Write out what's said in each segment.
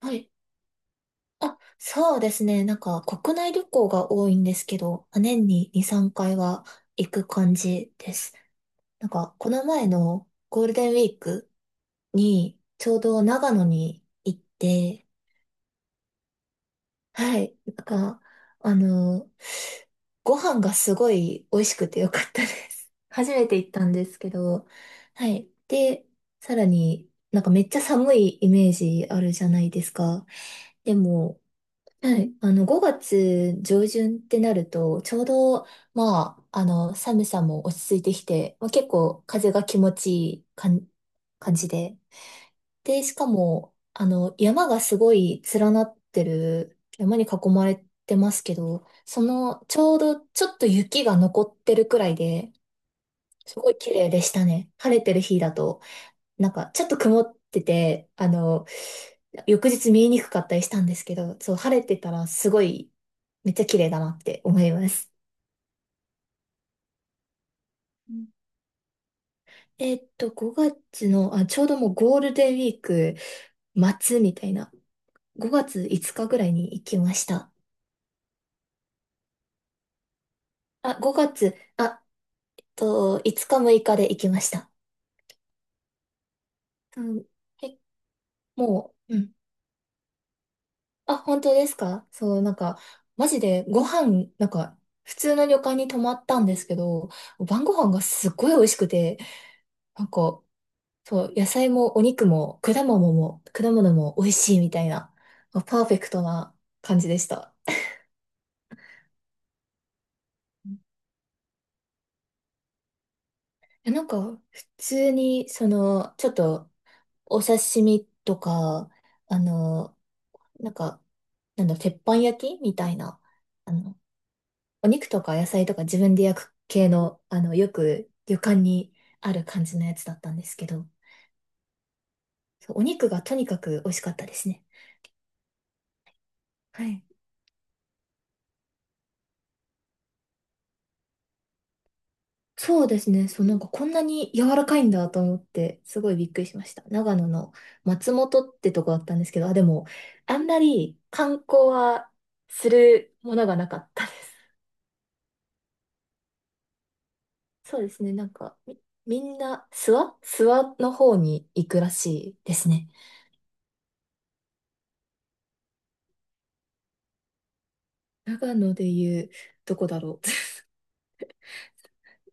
はい。そうですね。なんか国内旅行が多いんですけど、年に2、3回は行く感じです。なんかこの前のゴールデンウィークにちょうど長野に行って、はい。あの、ご飯がすごい美味しくてよかったです。初めて行ったんですけど、はい。で、さらになんかめっちゃ寒いイメージあるじゃないですか。でも、はい。5月上旬ってなると、ちょうど、寒さも落ち着いてきて、結構風が気持ちいい感じで。で、しかも、山がすごい連なってる、山に囲まれてますけど、ちょうどちょっと雪が残ってるくらいで、すごい綺麗でしたね。晴れてる日だと、ちょっと曇ってて、翌日見えにくかったりしたんですけど、そう、晴れてたらすごい、めっちゃ綺麗だなって思います。うん。5月の、あ、ちょうどもうゴールデンウィーク末みたいな、5月5日ぐらいに行きました。あ、5月、5日6日で行きました。うん、え、もう、うん。あ、本当ですか。そう、マジでご飯、普通の旅館に泊まったんですけど、晩ご飯がすっごい美味しくて、なんか、そう、野菜もお肉も果物も、果物も美味しいみたいな、パーフェクトな感じでした。え、普通に、その、ちょっと、お刺身とか、あの、なんか、なんだ、鉄板焼きみたいな、あの、お肉とか野菜とか自分で焼く系の、よく旅館にある感じのやつだったんですけど、そうお肉がとにかく美味しかったですね。はい。そうですね。そう、なんかこんなに柔らかいんだと思って、すごいびっくりしました。長野の松本ってとこだったんですけど、あ、でも、あんまり観光はするものがなかったです。そうですね。みんな、諏訪の方に行くらしいですね。長野でいう、どこだろう。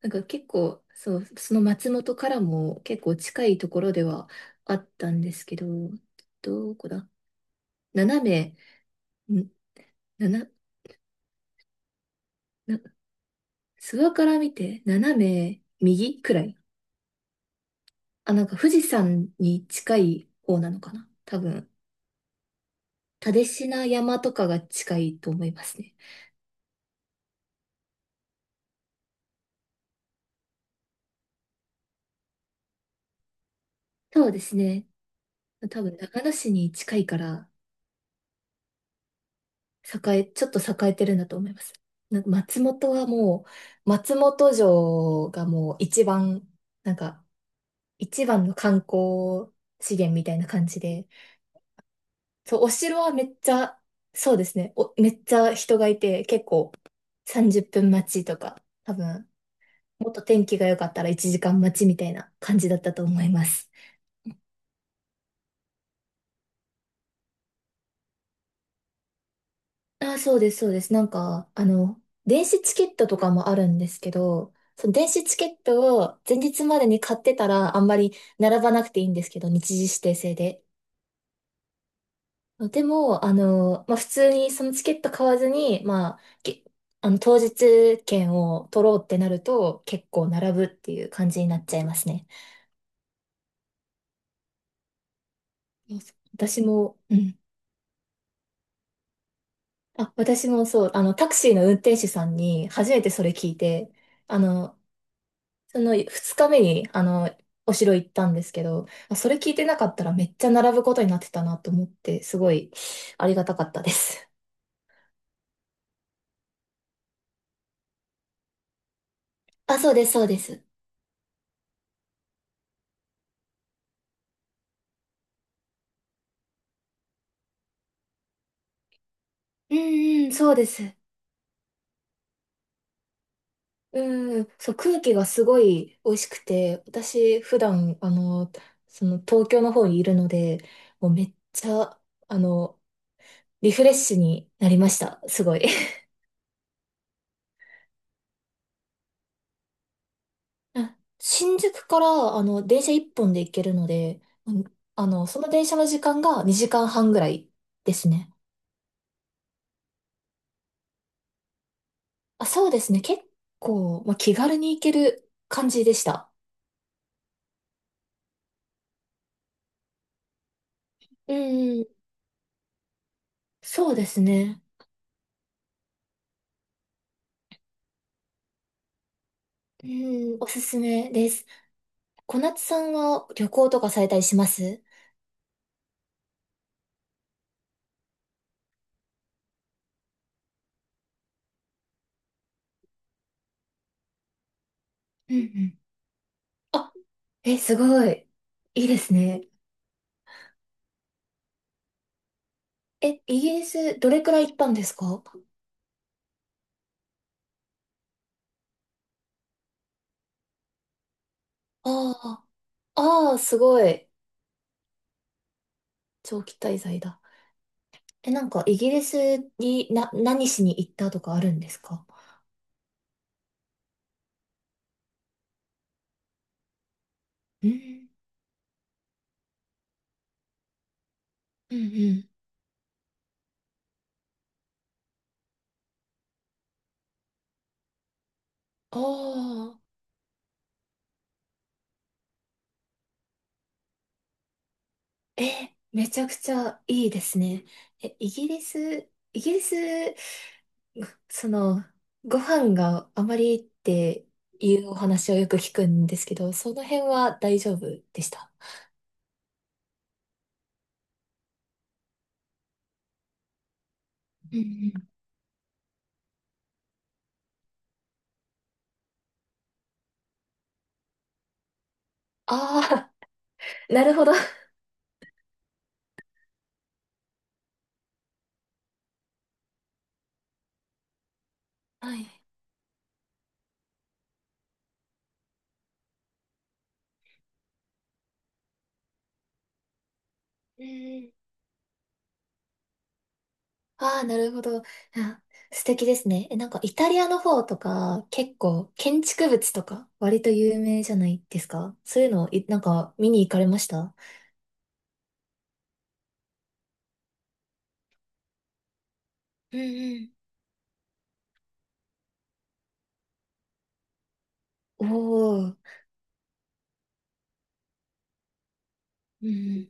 なんか結構、そう、その松本からも結構近いところではあったんですけど、どこだ。斜め、ん、なな、な、諏訪から見て斜め右くらい。あ、なんか富士山に近い方なのかな多分、蓼科山とかが近いと思いますね。そうですね。多分、長野市に近いから、栄え、ちょっと栄えてるんだと思います。なんか松本城がもう一番、なんか、一番の観光資源みたいな感じで、そう、お城はめっちゃ、そうですね、めっちゃ人がいて、結構30分待ちとか、多分、もっと天気が良かったら1時間待ちみたいな感じだったと思います。あ、そうです、そうです。電子チケットとかもあるんですけど、その電子チケットを前日までに買ってたらあんまり並ばなくていいんですけど、日時指定制で。でも、普通にそのチケット買わずに、当日券を取ろうってなると結構並ぶっていう感じになっちゃいますね。そうそう私も、うん。あ、私もそう、タクシーの運転手さんに初めてそれ聞いて、あの、その2日目に、お城行ったんですけど、あそれ聞いてなかったらめっちゃ並ぶことになってたなと思って、すごいありがたかったです。あ、そうです、そうです。うんうん、そうです。うん、そう、空気がすごい美味しくて、私、普段、その東京の方にいるので、もうめっちゃ、あの、リフレッシュになりました。すごい。あ、新宿から、電車一本で行けるので、うん、その電車の時間が2時間半ぐらいですね。あ、そうですね。結構、気軽に行ける感じでした。うん、そうですね。うん、おすすめです。小夏さんは旅行とかされたりします？うんうん。あ、え、すごい。いいですね。え、イギリスどれくらい行ったんですか？ああ、あーあー、すごい。長期滞在だ。え、なんか、イギリスにな、何しに行ったとかあるんですか？うん、うん、うん。ああ、え、めちゃくちゃいいですね。え、イギリス、その、ご飯があまりっていうお話をよく聞くんですけど、その辺は大丈夫でした？うんうん。ああ、なるほど。はい。うん。ああ、なるほど。あ、素敵ですね。え、なんかイタリアの方とか結構建築物とか割と有名じゃないですか。そういうのを、なんか見に行かれました？うんうん。おー。うんうん。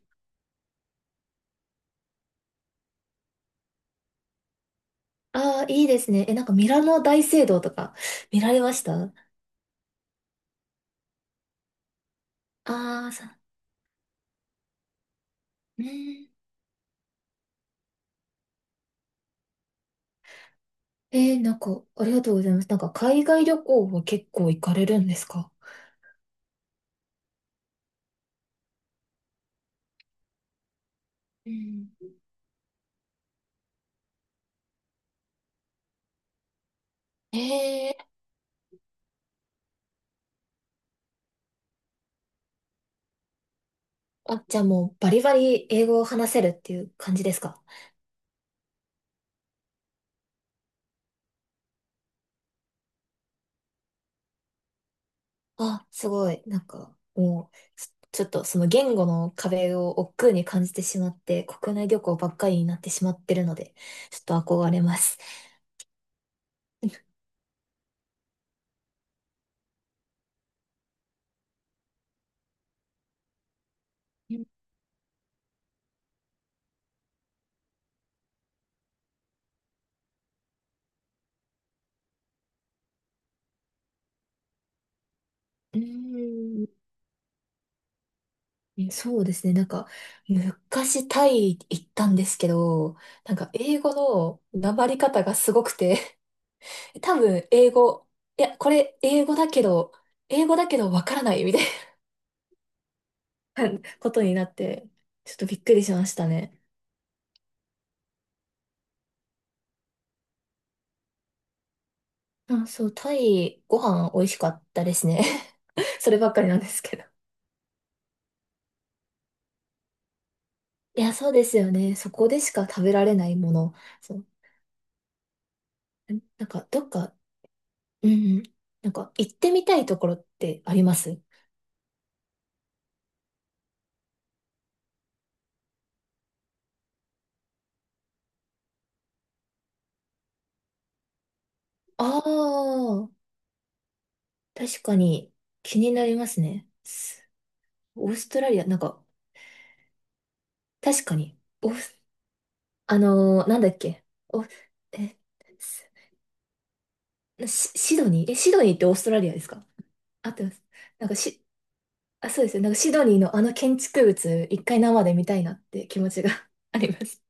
ああ、いいですね。え、なんかミラノ大聖堂とか見られました？あー、さ、うん。えーなんかありがとうございます。なんか海外旅行は結構行かれるんですか？うん。ええ。あ、じゃあもうバリバリ英語を話せるっていう感じですか？あ、すごい。なんか、もう、ょっとその言語の壁を億劫に感じてしまって、国内旅行ばっかりになってしまってるので、ちょっと憧れます。うんうーんそうですね。なんか、昔タイ行ったんですけど、なんか英語のなまり方がすごくて、多分英語、いや、これ英語だけど、英語だけどわからないみたいな ことになって、ちょっとびっくりしましたね。あ、そう、タイご飯美味しかったですね。そればっかりなんですけど。いや、そうですよね。そこでしか食べられないもの。そう。なんか、どっか、うんうん。なんか、行ってみたいところってあります？ああー、確かに気になりますね。す、オーストラリア、なんか、確かに、オース、あのーなんだっけ、お、え、すシドニー、え、シドニーってオーストラリアですか？合ってます？なんかし、あ、そうですよ。なんかシドニーのあの建築物、一回生で見たいなって気持ちが あります。